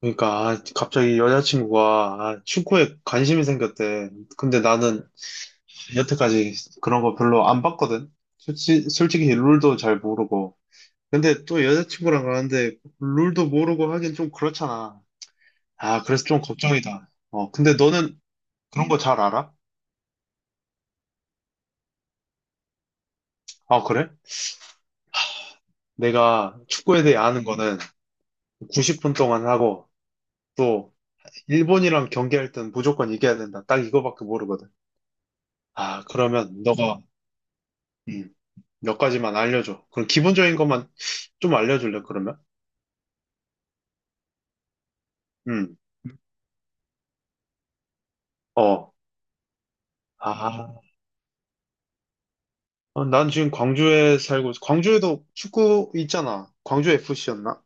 그러니까 아, 갑자기 여자친구가 아, 축구에 관심이 생겼대. 근데 나는 여태까지 그런 거 별로 안 봤거든. 솔직히, 룰도 잘 모르고. 근데 또 여자친구랑 가는데 룰도 모르고 하긴 좀 그렇잖아. 아, 그래서 좀 걱정이다. 어, 근데 너는 그런 거 잘 알아? 아, 그래? 내가 축구에 대해 아는 거는 90분 동안 하고 또 일본이랑 경기할 땐 무조건 이겨야 된다. 딱 이거밖에 모르거든. 아, 그러면 너가 음, 몇 가지만 알려줘. 그럼 기본적인 것만 좀 알려줄래, 그러면? 음, 음. 어. 아, 어, 난 지금 광주에 살고, 광주에도 축구 있잖아. 광주 FC였나?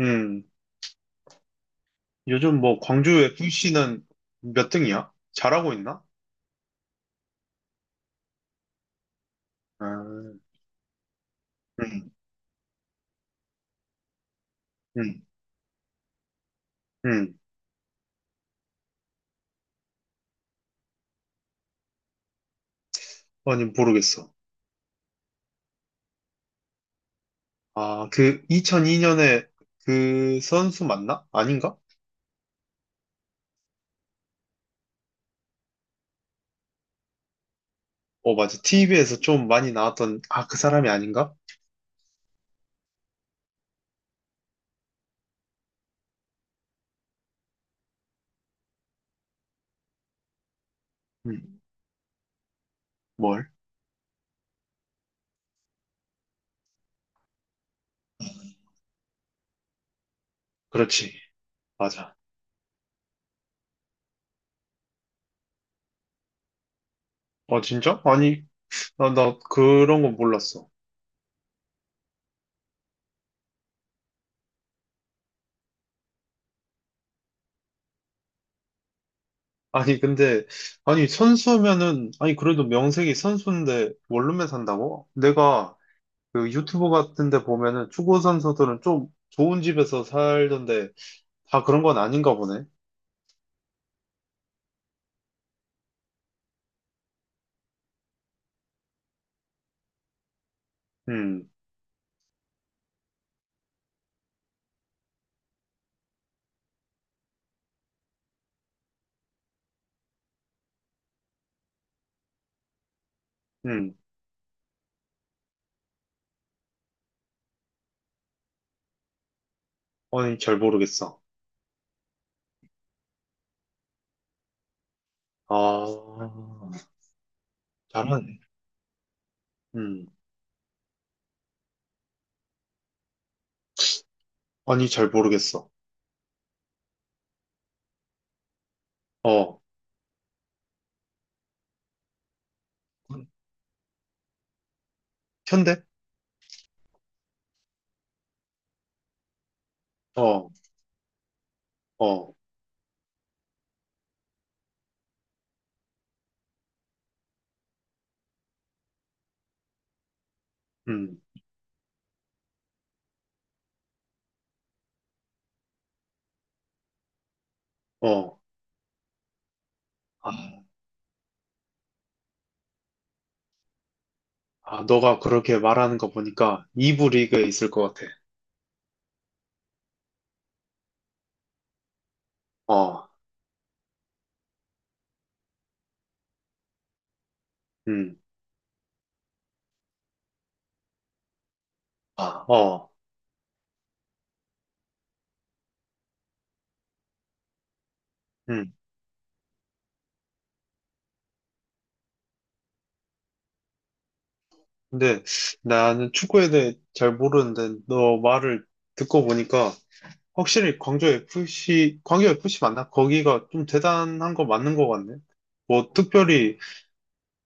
음, 요즘 뭐 광주 FC는 몇 등이야? 잘하고 있나? 아, 음, 음, 음. 아니, 모르겠어. 아, 그 2002년에 그 선수 맞나? 아닌가? 어, 맞아. TV에서 좀 많이 나왔던, 아, 그 사람이 아닌가? 음, 뭘? 그렇지. 맞아. 아, 진짜? 아니, 나 그런 거 몰랐어. 아니, 근데, 아니, 선수면은, 아니, 그래도 명색이 선수인데 원룸에 산다고? 내가 그 유튜브 같은 데 보면은 축구 선수들은 좀 좋은 집에서 살던데 다 그런 건 아닌가 보네. 음, 음. 아니, 잘 모르겠어. 아, 잘하네. 음. 아니, 잘 모르겠어. 어. 현대? 어, 어, 음, 어. 아, 아, 너가 그렇게 말하는 거 보니까 2부 리그에 있을 것 같아. 어, 음, 아, 어, 음. 근데 나는 축구에 대해 잘 모르는데 너 말을 듣고 보니까 확실히 광주 FC, 광주 FC 맞나? 거기가 좀 대단한 거 맞는 것 같네. 뭐 특별히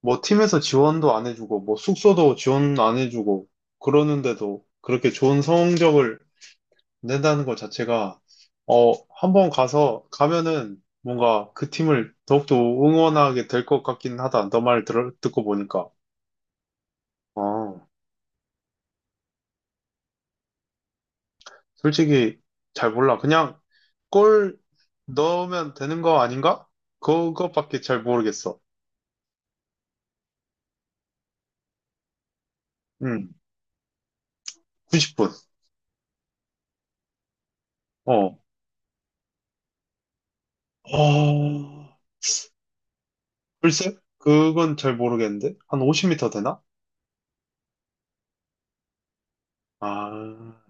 뭐 팀에서 지원도 안 해주고 뭐 숙소도 지원 안 해주고 그러는데도 그렇게 좋은 성적을 낸다는 것 자체가, 어, 한번 가서, 가면은 뭔가 그 팀을 더욱더 응원하게 될 것 같긴 하다. 너 듣고 보니까. 어, 솔직히 잘 몰라. 그냥 골 넣으면 되는 거 아닌가? 그것밖에 잘 모르겠어. 응, 90분. 어. 어, 글쎄? 그건 잘 모르겠는데? 한 50m 되나? 아,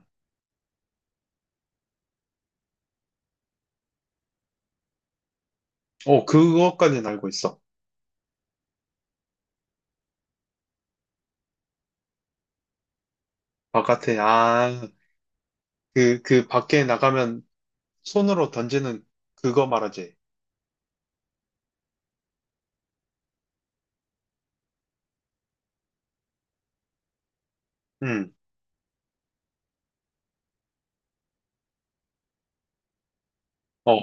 어, 그것까지는 알고 있어. 바깥에, 아, 그 밖에 나가면 손으로 던지는 그거 말하지. 응, 어,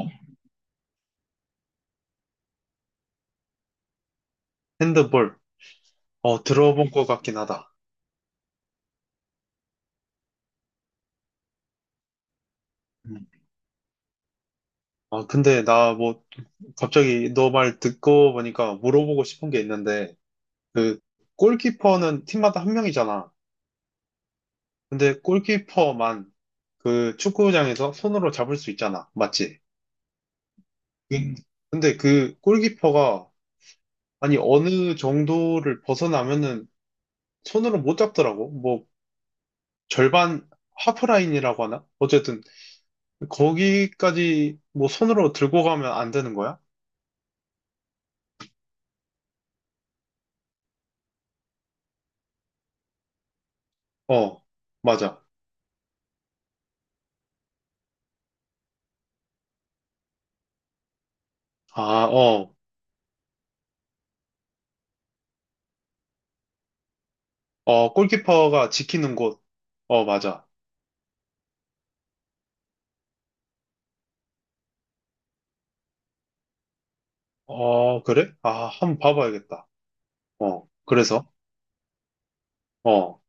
핸드볼. 어, 들어본 것 같긴 하다. 음. 아, 근데 나 뭐, 갑자기 너 말 듣고 보니까 물어보고 싶은 게 있는데, 그, 골키퍼는 팀마다 한 명이잖아. 근데 골키퍼만 그 축구장에서 손으로 잡을 수 있잖아. 맞지? 음. 근데 그 골키퍼가, 아니, 어느 정도를 벗어나면은 손으로 못 잡더라고. 뭐, 절반 하프라인이라고 하나? 어쨌든 거기까지 뭐 손으로 들고 가면 안 되는 거야? 어, 맞아. 아, 어, 어, 골키퍼가 지키는 곳. 어, 맞아. 어, 그래? 아, 한번 봐봐야겠다. 어, 그래서, 어,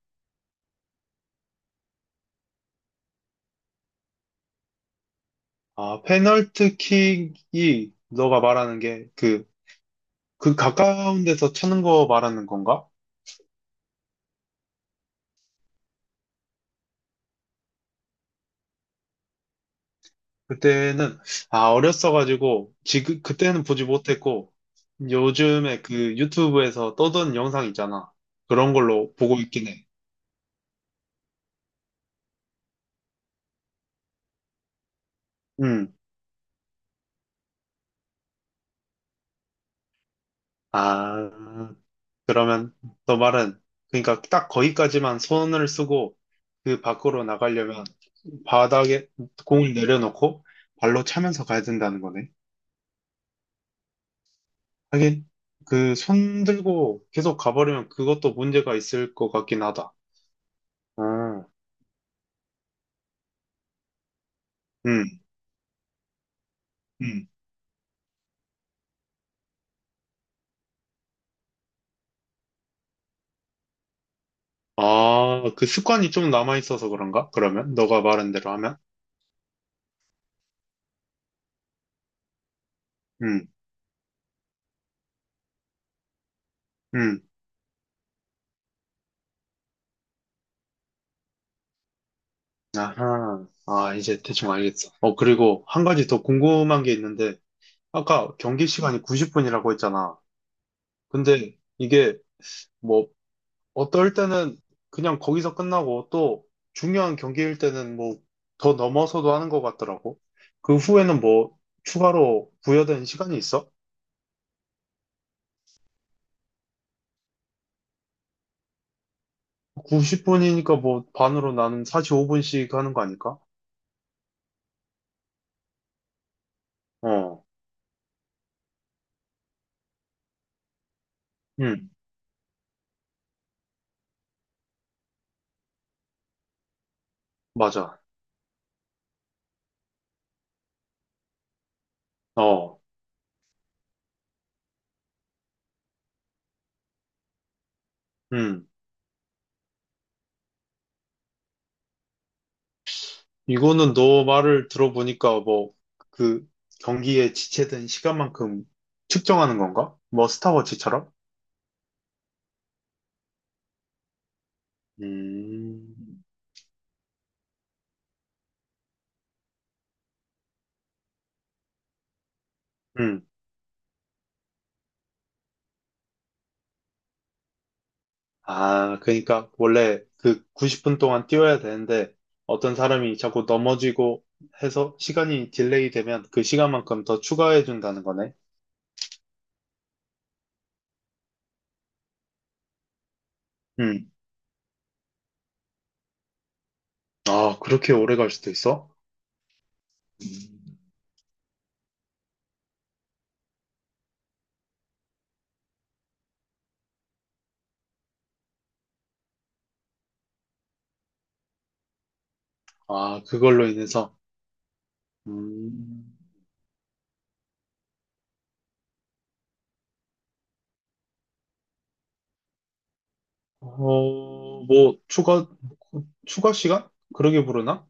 아, 페널티킥이 너가 말하는 게 그, 그 가까운 데서 차는 거 말하는 건가? 그때는, 아, 어렸어가지고, 지금, 그때는 보지 못했고, 요즘에 그 유튜브에서 떠도는 영상 있잖아. 그런 걸로 보고 있긴 해. 음. 아, 그러면 너 말은, 그러니까 딱 거기까지만 손을 쓰고 그 밖으로 나가려면 바닥에 공을 내려놓고 발로 차면서 가야 된다는 거네. 하긴, 그 손 들고 계속 가버리면 그것도 문제가 있을 것 같긴 하다. 아, 음, 음. 아, 그 습관이 좀 남아있어서 그런가? 그러면? 너가 말한 대로 하면? 음, 음. 아하. 아, 이제 대충 알겠어. 어, 그리고 한 가지 더 궁금한 게 있는데, 아까 경기 시간이 90분이라고 했잖아. 근데 이게 뭐 어떨 때는 그냥 거기서 끝나고 또 중요한 경기일 때는 뭐 더 넘어서도 하는 것 같더라고. 그 후에는 뭐 추가로 부여된 시간이 있어? 90분이니까 뭐 반으로 나는 45분씩 하는 거 아닐까? 어, 음, 맞아. 어, 음. 이거는 너 말을 들어보니까 뭐 그 경기에 지체된 시간만큼 측정하는 건가? 뭐 스타워치처럼? 음, 음. 아, 그러니까 원래 그 90분 동안 뛰어야 되는데 어떤 사람이 자꾸 넘어지고 해서 시간이 딜레이 되면 그 시간만큼 더 추가해 준다는 거네. 음. 아, 그렇게 오래 갈 수도 있어? 음. 아, 그걸로 인해서 음. 어, 뭐 추가 시간? 그러게 부르나?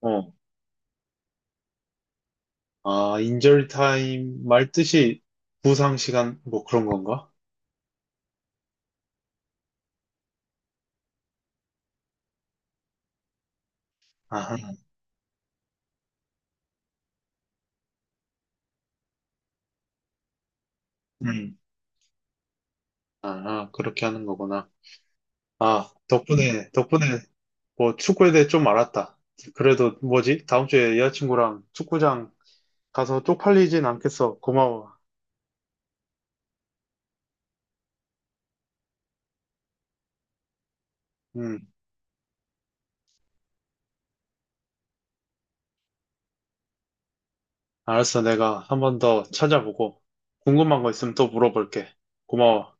어. 아, 인절 타임 말 뜻이 부상 시간 뭐 그런 건가? 아 음. 아, 그렇게 하는 거구나. 아, 덕분에, 덕분에 뭐 축구에 대해 좀 알았다. 그래도 뭐지? 다음 주에 여자친구랑 축구장 가서 쪽팔리진 않겠어. 고마워. 음, 알았어. 내가 한번 더 찾아보고 궁금한 거 있으면 또 물어볼게. 고마워.